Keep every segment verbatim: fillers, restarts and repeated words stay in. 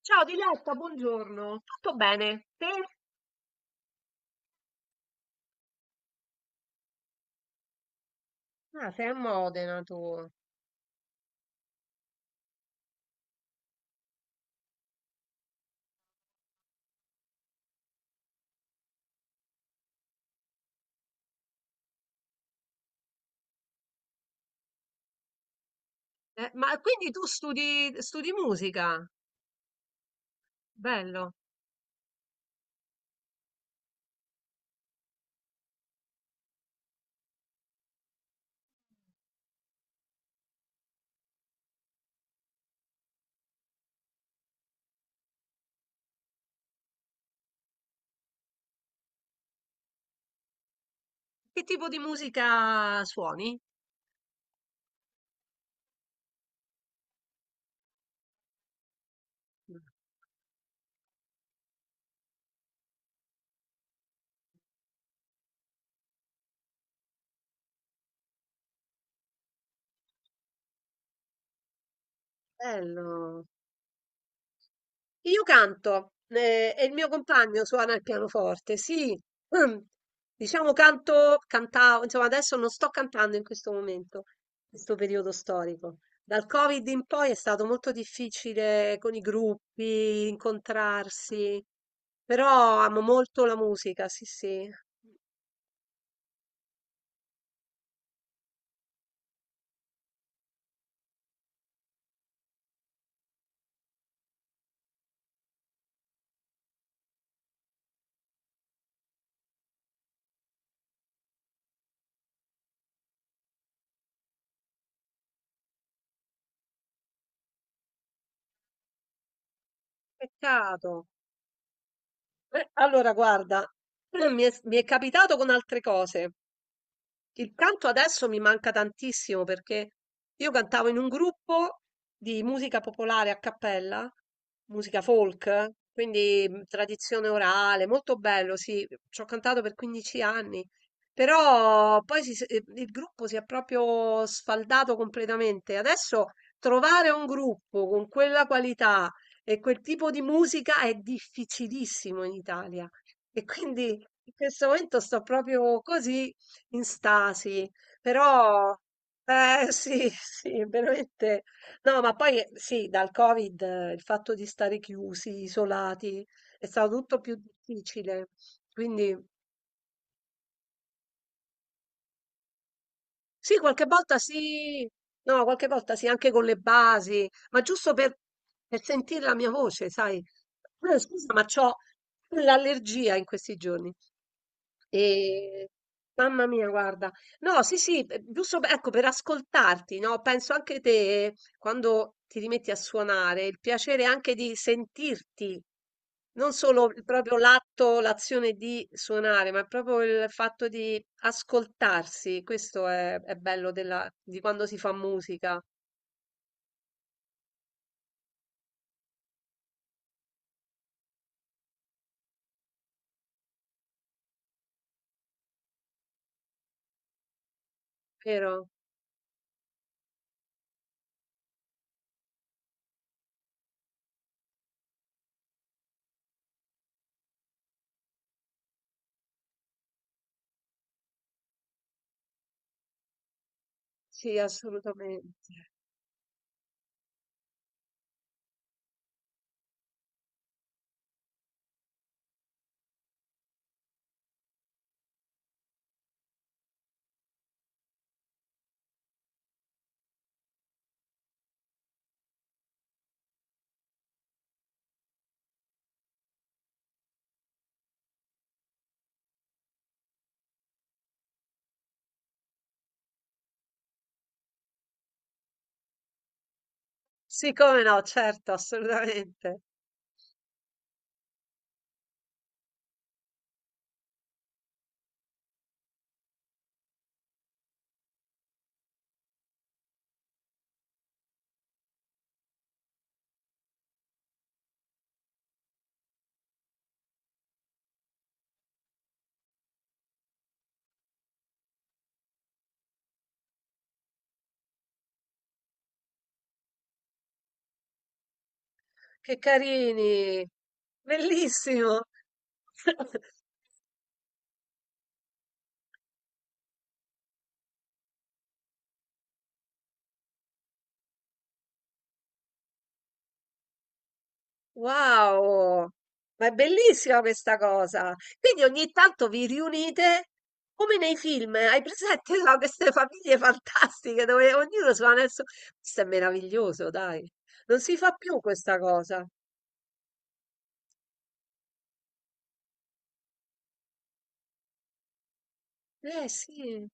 Ciao Diletta, buongiorno. Tutto bene? Te? Ah, sei a Modena tu. Eh, ma quindi tu studi, studi musica? Bello. Che tipo di musica suoni? Bello. Io canto, eh, e il mio compagno suona il pianoforte, sì. Mm. Diciamo canto, cantavo, insomma adesso non sto cantando in questo momento, in questo periodo storico. Dal Covid in poi è stato molto difficile con i gruppi, incontrarsi, però amo molto la musica, sì, sì. Peccato. Eh, Allora, guarda, mi è, mi è capitato con altre cose. Il canto adesso mi manca tantissimo perché io cantavo in un gruppo di musica popolare a cappella, musica folk, quindi mh, tradizione orale, molto bello, sì, ci ho cantato per quindici anni, però poi si s- eh, il gruppo si è proprio sfaldato completamente. Adesso trovare un gruppo con quella qualità e quel tipo di musica è difficilissimo in Italia e quindi in questo momento sto proprio così in stasi, però eh sì, sì, veramente. No, ma poi eh, sì, dal Covid eh, il fatto di stare chiusi, isolati, è stato tutto più difficile. Quindi sì, qualche volta sì, no, qualche volta sì, anche con le basi, ma giusto per, per sentire la mia voce, sai. Eh, Scusa, ma c'ho l'allergia in questi giorni. Ehm, Mamma mia guarda. No, sì, sì, p giusto p ecco per ascoltarti, no, penso anche te eh, quando ti rimetti a suonare, il piacere anche di sentirti, non solo il proprio l'atto l'azione di suonare, ma proprio il fatto di ascoltarsi. Questo è è bello della di quando si fa musica, vero? Sì, assolutamente. Sì, come no, certo, assolutamente. Che carini! Bellissimo! Wow! Ma è bellissima questa cosa. Quindi ogni tanto vi riunite come nei film. Hai presente no, queste famiglie fantastiche dove ognuno suona il suo... Questo è meraviglioso, dai. Non si fa più questa cosa. Eh sì.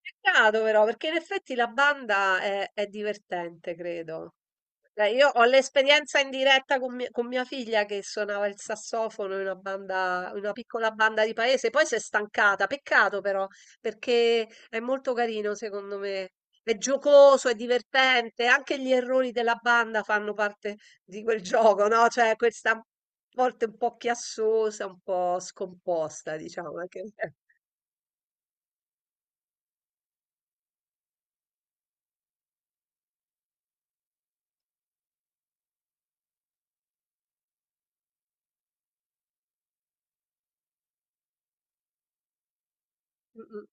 Peccato però, perché in effetti la banda è, è divertente, credo. Beh, io ho l'esperienza in diretta con, mia con mia figlia che suonava il sassofono in una banda, in una piccola banda di paese, poi si è stancata, peccato però, perché è molto carino secondo me, è giocoso, è divertente, anche gli errori della banda fanno parte di quel gioco, no? Cioè questa a volte un po' chiassosa, un po' scomposta, diciamo. anche- Mm, mm.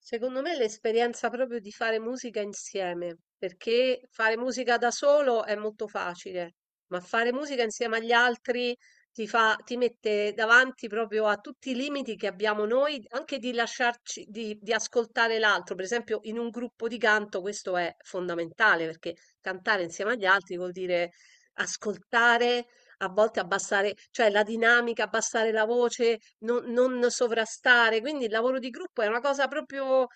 Secondo me è l'esperienza proprio di fare musica insieme, perché fare musica da solo è molto facile, ma fare musica insieme agli altri ti fa, ti mette davanti proprio a tutti i limiti che abbiamo noi, anche di lasciarci, di, di ascoltare l'altro. Per esempio, in un gruppo di canto questo è fondamentale, perché cantare insieme agli altri vuol dire ascoltare a volte abbassare, cioè la dinamica, abbassare la voce, non, non sovrastare. Quindi il lavoro di gruppo è una cosa proprio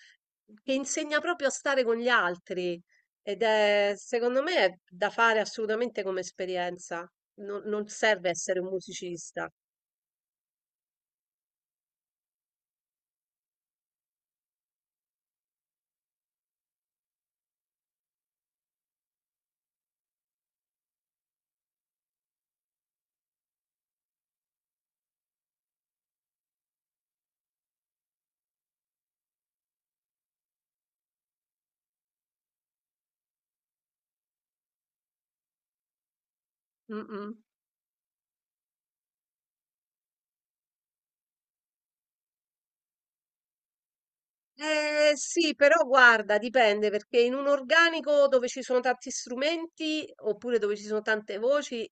che insegna proprio a stare con gli altri. Ed è, secondo me, è da fare assolutamente come esperienza. Non, non serve essere un musicista. Mm, mm. Eh, sì, però guarda, dipende perché in un organico dove ci sono tanti strumenti oppure dove ci sono tante voci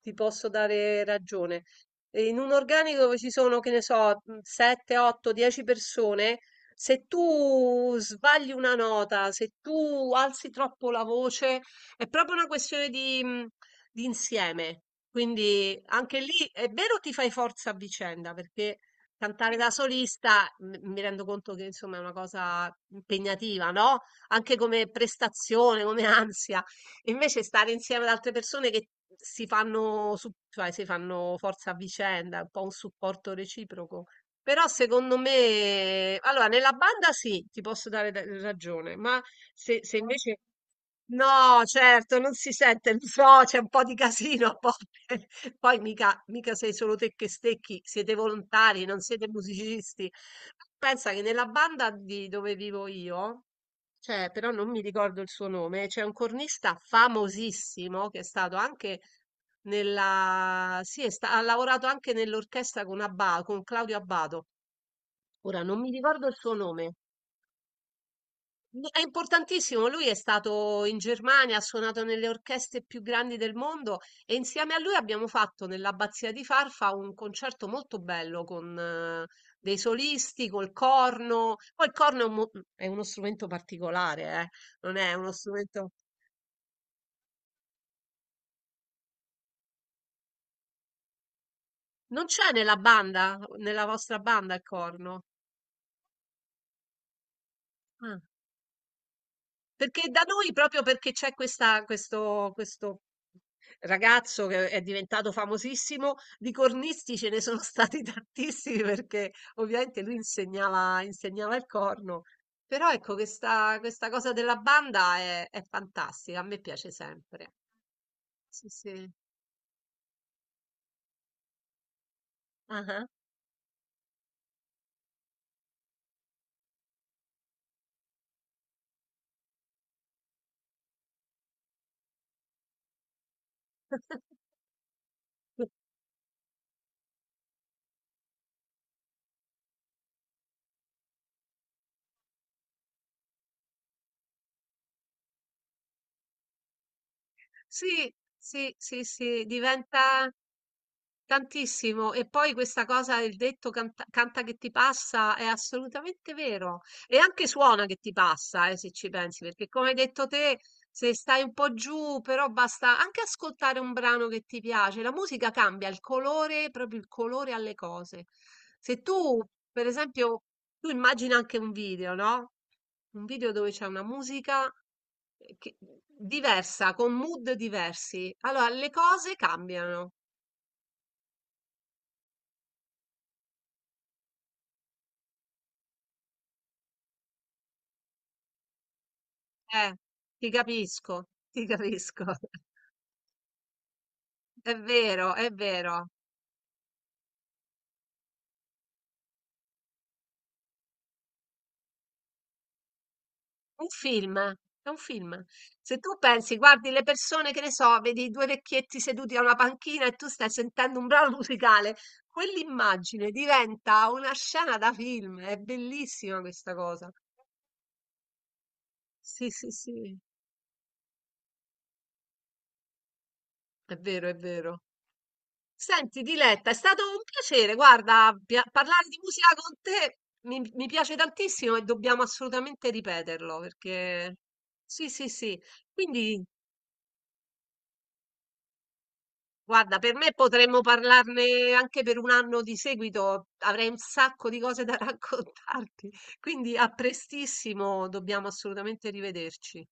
ti posso dare ragione. E in un organico dove ci sono, che ne so, sette, otto, dieci persone, se tu sbagli una nota, se tu alzi troppo la voce, è proprio una questione di, mm, di insieme. Quindi anche lì è vero ti fai forza a vicenda perché cantare da solista m- mi rendo conto che insomma è una cosa impegnativa, no? Anche come prestazione, come ansia. Invece stare insieme ad altre persone che si fanno, su- cioè, si fanno forza a vicenda, un po' un supporto reciproco. Però secondo me, allora, nella banda sì, ti posso dare da- ragione, ma se se invece no, certo, non si sente il so, c'è un po' di casino a volte. Poi mica mica sei solo te che stecchi, siete volontari, non siete musicisti. Pensa che nella banda di dove vivo io, cioè, però non mi ricordo il suo nome, c'è un cornista famosissimo che è stato anche nella, sì, è sta- ha lavorato anche nell'orchestra con Abba- con Claudio Abbado. Ora non mi ricordo il suo nome. No, è importantissimo, lui è stato in Germania, ha suonato nelle orchestre più grandi del mondo e insieme a lui abbiamo fatto nell'Abbazia di Farfa un concerto molto bello con eh, dei solisti, col corno. Poi il corno è, un mo- mhmm, è uno strumento particolare, eh, non è uno strumento... Non c'è nella banda, nella vostra banda il corno? Ah. Perché da noi proprio perché c'è questa questo questo ragazzo che è diventato famosissimo, di cornisti ce ne sono stati tantissimi perché ovviamente lui insegnava insegnava il corno. Però ecco questa questa cosa della banda è è fantastica, a me piace sempre. Sì, sì. Ah-ah. Sì, sì, sì, sì, diventa tantissimo. E poi questa cosa, il detto canta, canta che ti passa, è assolutamente vero. E anche suona che ti passa, eh, se ci pensi, perché come hai detto te, se stai un po' giù, però basta anche ascoltare un brano che ti piace. La musica cambia il colore, proprio il colore alle cose. Se tu, per esempio, tu immagina anche un video, no? Un video dove c'è una musica. Ehm, Che diversa, con mood diversi. Allora, le cose cambiano. Eh, ti capisco, ti capisco. È vero, è vero. Un film, è un film. Se tu pensi, guardi le persone, che ne so, vedi due vecchietti seduti a una panchina e tu stai sentendo un brano musicale, quell'immagine diventa una scena da film. È bellissima questa cosa. Sì, sì, sì. È vero, è vero. Senti, Diletta, è stato un piacere, guarda, pia- parlare di musica con te mi, mi piace tantissimo e dobbiamo assolutamente ripeterlo perché sì, sì, sì. Quindi, guarda, per me potremmo parlarne anche per un anno di seguito, avrei un sacco di cose da raccontarti. Quindi, a prestissimo, dobbiamo assolutamente rivederci.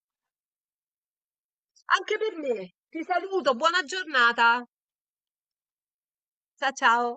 Anche per me. Ti saluto, buona giornata. Ciao, ciao.